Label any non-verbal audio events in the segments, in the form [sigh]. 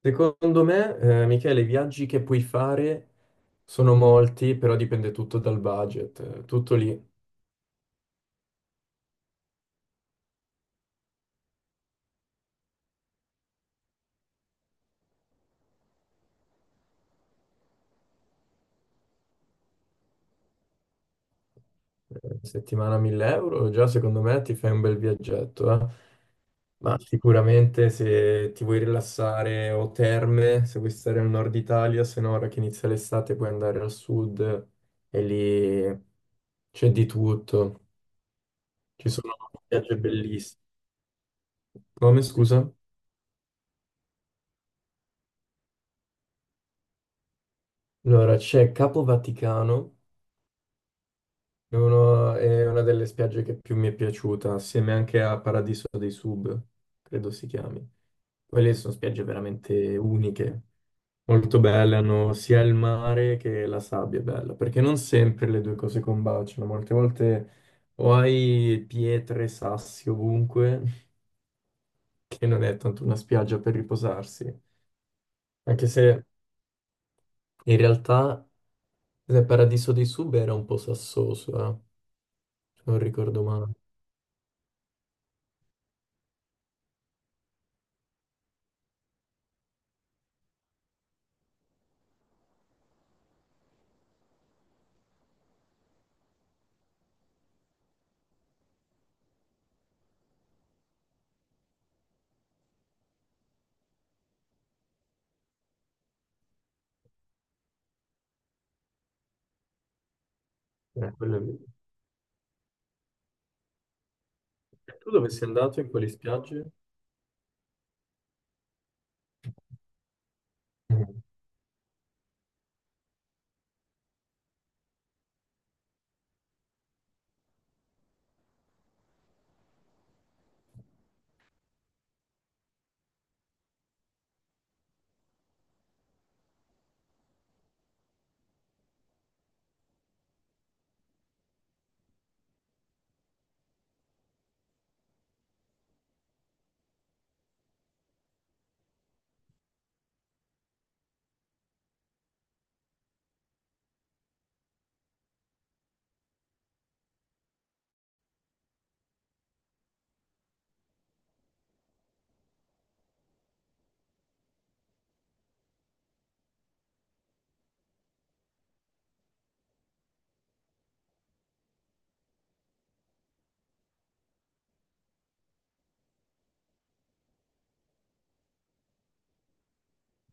Secondo me, Michele, i viaggi che puoi fare sono molti, però dipende tutto dal budget. Tutto lì. Settimana 1000 euro, già secondo me ti fai un bel viaggetto, eh. Ma sicuramente se ti vuoi rilassare o terme, se vuoi stare al nord Italia, se no ora che inizia l'estate puoi andare al sud e lì c'è di tutto. Ci sono viaggi bellissimi. Come scusa? Allora, c'è Capo Vaticano. È una delle spiagge che più mi è piaciuta, assieme anche a Paradiso dei Sub, credo si chiami. Quelle sono spiagge veramente uniche, molto belle, hanno sia il mare che la sabbia è bella, perché non sempre le due cose combaciano, molte volte o hai pietre, sassi ovunque, [laughs] che non è tanto una spiaggia per riposarsi, anche se in realtà il Paradiso dei Sub era un po' sassoso, se non ricordo male. Quello è. Tu dove sei andato in quelle spiagge? Mm.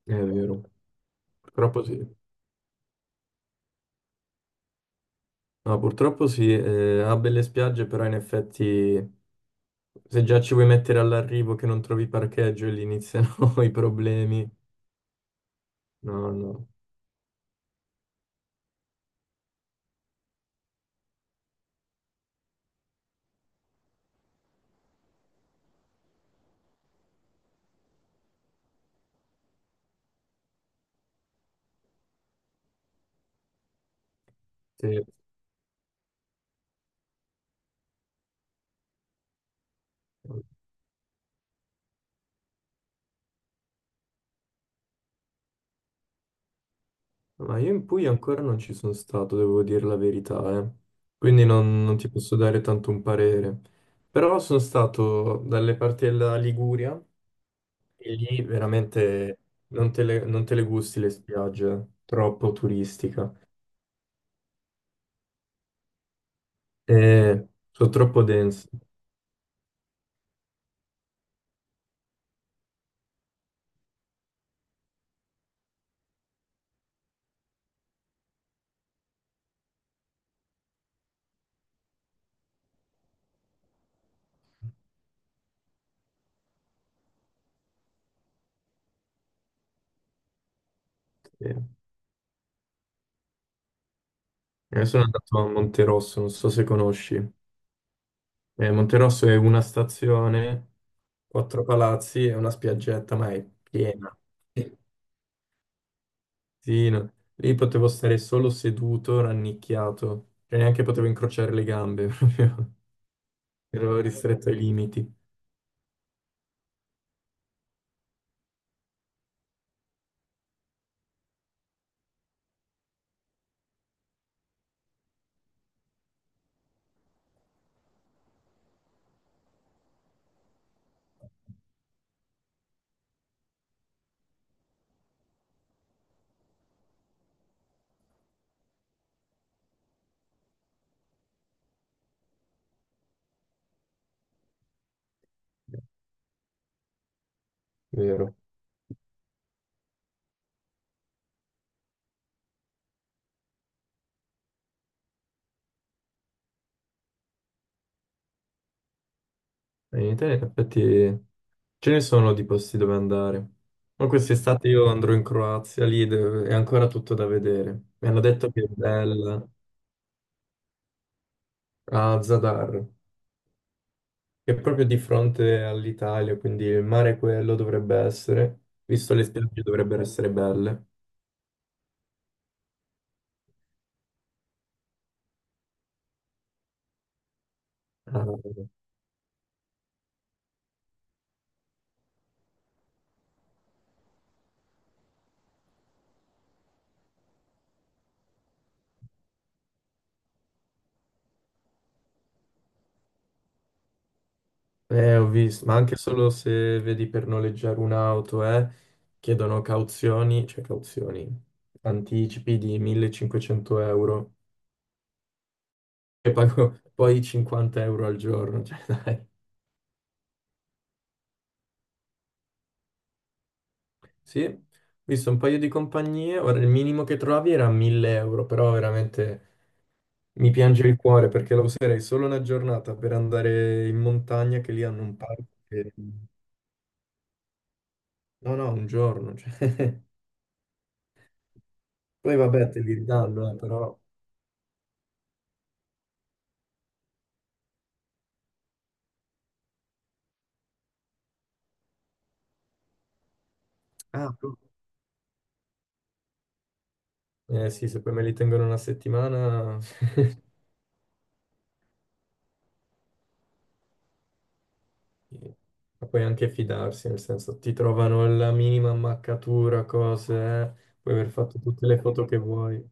È vero, purtroppo sì. No, purtroppo sì, ha belle spiagge, però in effetti se già ci vuoi mettere all'arrivo che non trovi parcheggio e lì iniziano [laughs] i problemi. No, no. Sì. Ma io in Puglia ancora non ci sono stato, devo dire la verità, eh. Quindi non ti posso dare tanto un parere. Però sono stato dalle parti della Liguria. E lì veramente non te le gusti le spiagge, troppo turistica. E sono troppo dense. Sì. Sono andato a Monterosso, non so se conosci. Monterosso è una stazione, quattro palazzi e una spiaggetta, ma è piena. Sì, sì, no. Lì potevo stare solo seduto, rannicchiato, e neanche potevo incrociare le gambe, [laughs] proprio. Ero ristretto ai limiti. Vero. In Italia, in effetti, ce ne sono di posti dove andare. Ma quest'estate io andrò in Croazia, è ancora tutto da vedere. Mi hanno detto che è bella a Zadar, che è proprio di fronte all'Italia, quindi il mare quello dovrebbe essere, visto le spiagge dovrebbero essere belle. Ah, ho visto, ma anche solo se vedi per noleggiare un'auto, chiedono cauzioni, cioè cauzioni, anticipi di 1500 euro e pago [laughs] poi 50 euro al giorno. Cioè, dai. Sì, ho visto un paio di compagnie, ora il minimo che trovavi era 1000 euro, però veramente mi piange il cuore perché la userei solo una giornata per andare in montagna che lì hanno un parco No, no, un giorno, cioè. [laughs] Poi vabbè, te li ridanno, però. Ah, sì, se poi me li tengono una settimana. [laughs] Ma puoi anche fidarsi, nel senso, ti trovano la minima ammaccatura, cose, puoi aver fatto tutte le foto che vuoi.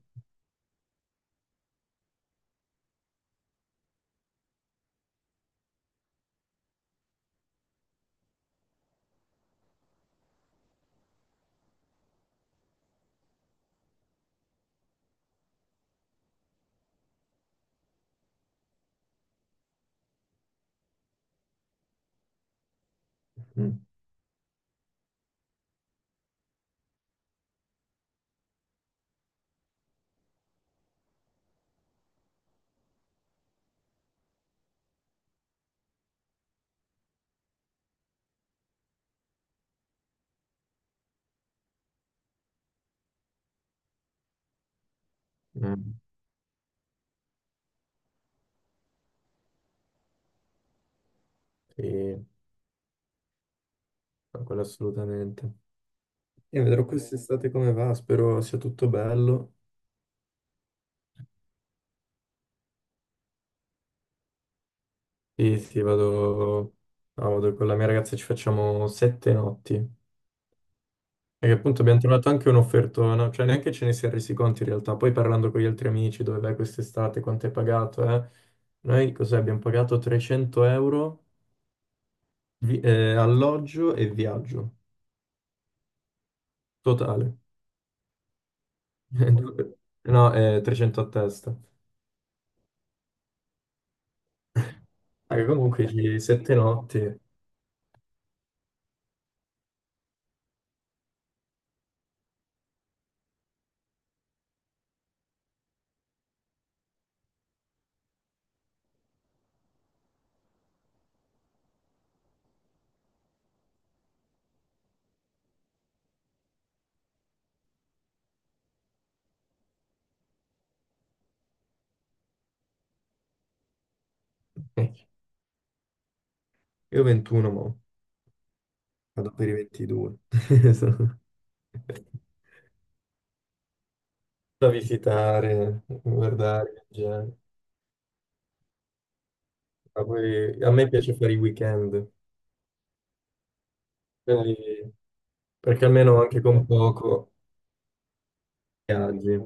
Mm, mm, sì. Ma quello assolutamente. Io vedrò quest'estate come va, spero sia tutto bello. Sì, sì, vado, no, vado con la mia ragazza, ci facciamo 7 notti. Perché appunto abbiamo trovato anche un'offertona, cioè neanche ce ne si è resi conto in realtà. Poi parlando con gli altri amici, dove vai quest'estate, quanto hai pagato, eh? Noi cos'è? Abbiamo pagato 300 euro alloggio e viaggio, totale. [laughs] No, 300 a testa. Raga, comunque, 7 notti. Eh, Io 21 mo. Vado per i 22. [laughs] Esatto. Da visitare, guardare, viaggiare. Ma poi a me piace fare i weekend, quindi- perché almeno anche con poco viaggi.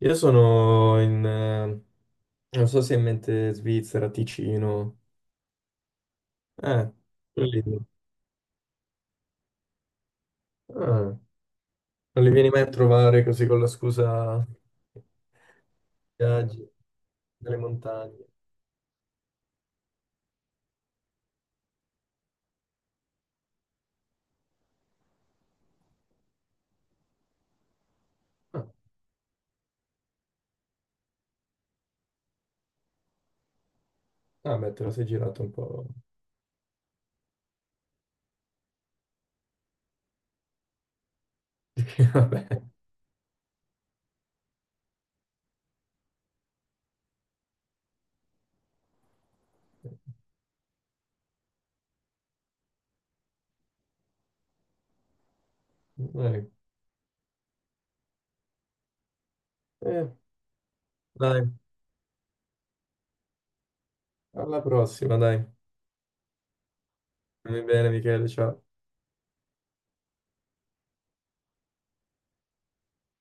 Io sono in, eh, Non so se è in mente Svizzera, Ticino. Eh, Lì. Ah, non li vieni mai a trovare così con la scusa viaggi, delle montagne. Ah, ah, beh, te la sei girato un po'. [laughs] Vabbè. Eh, Eh, dai, alla prossima, dai. Stammi bene, Michele, ciao.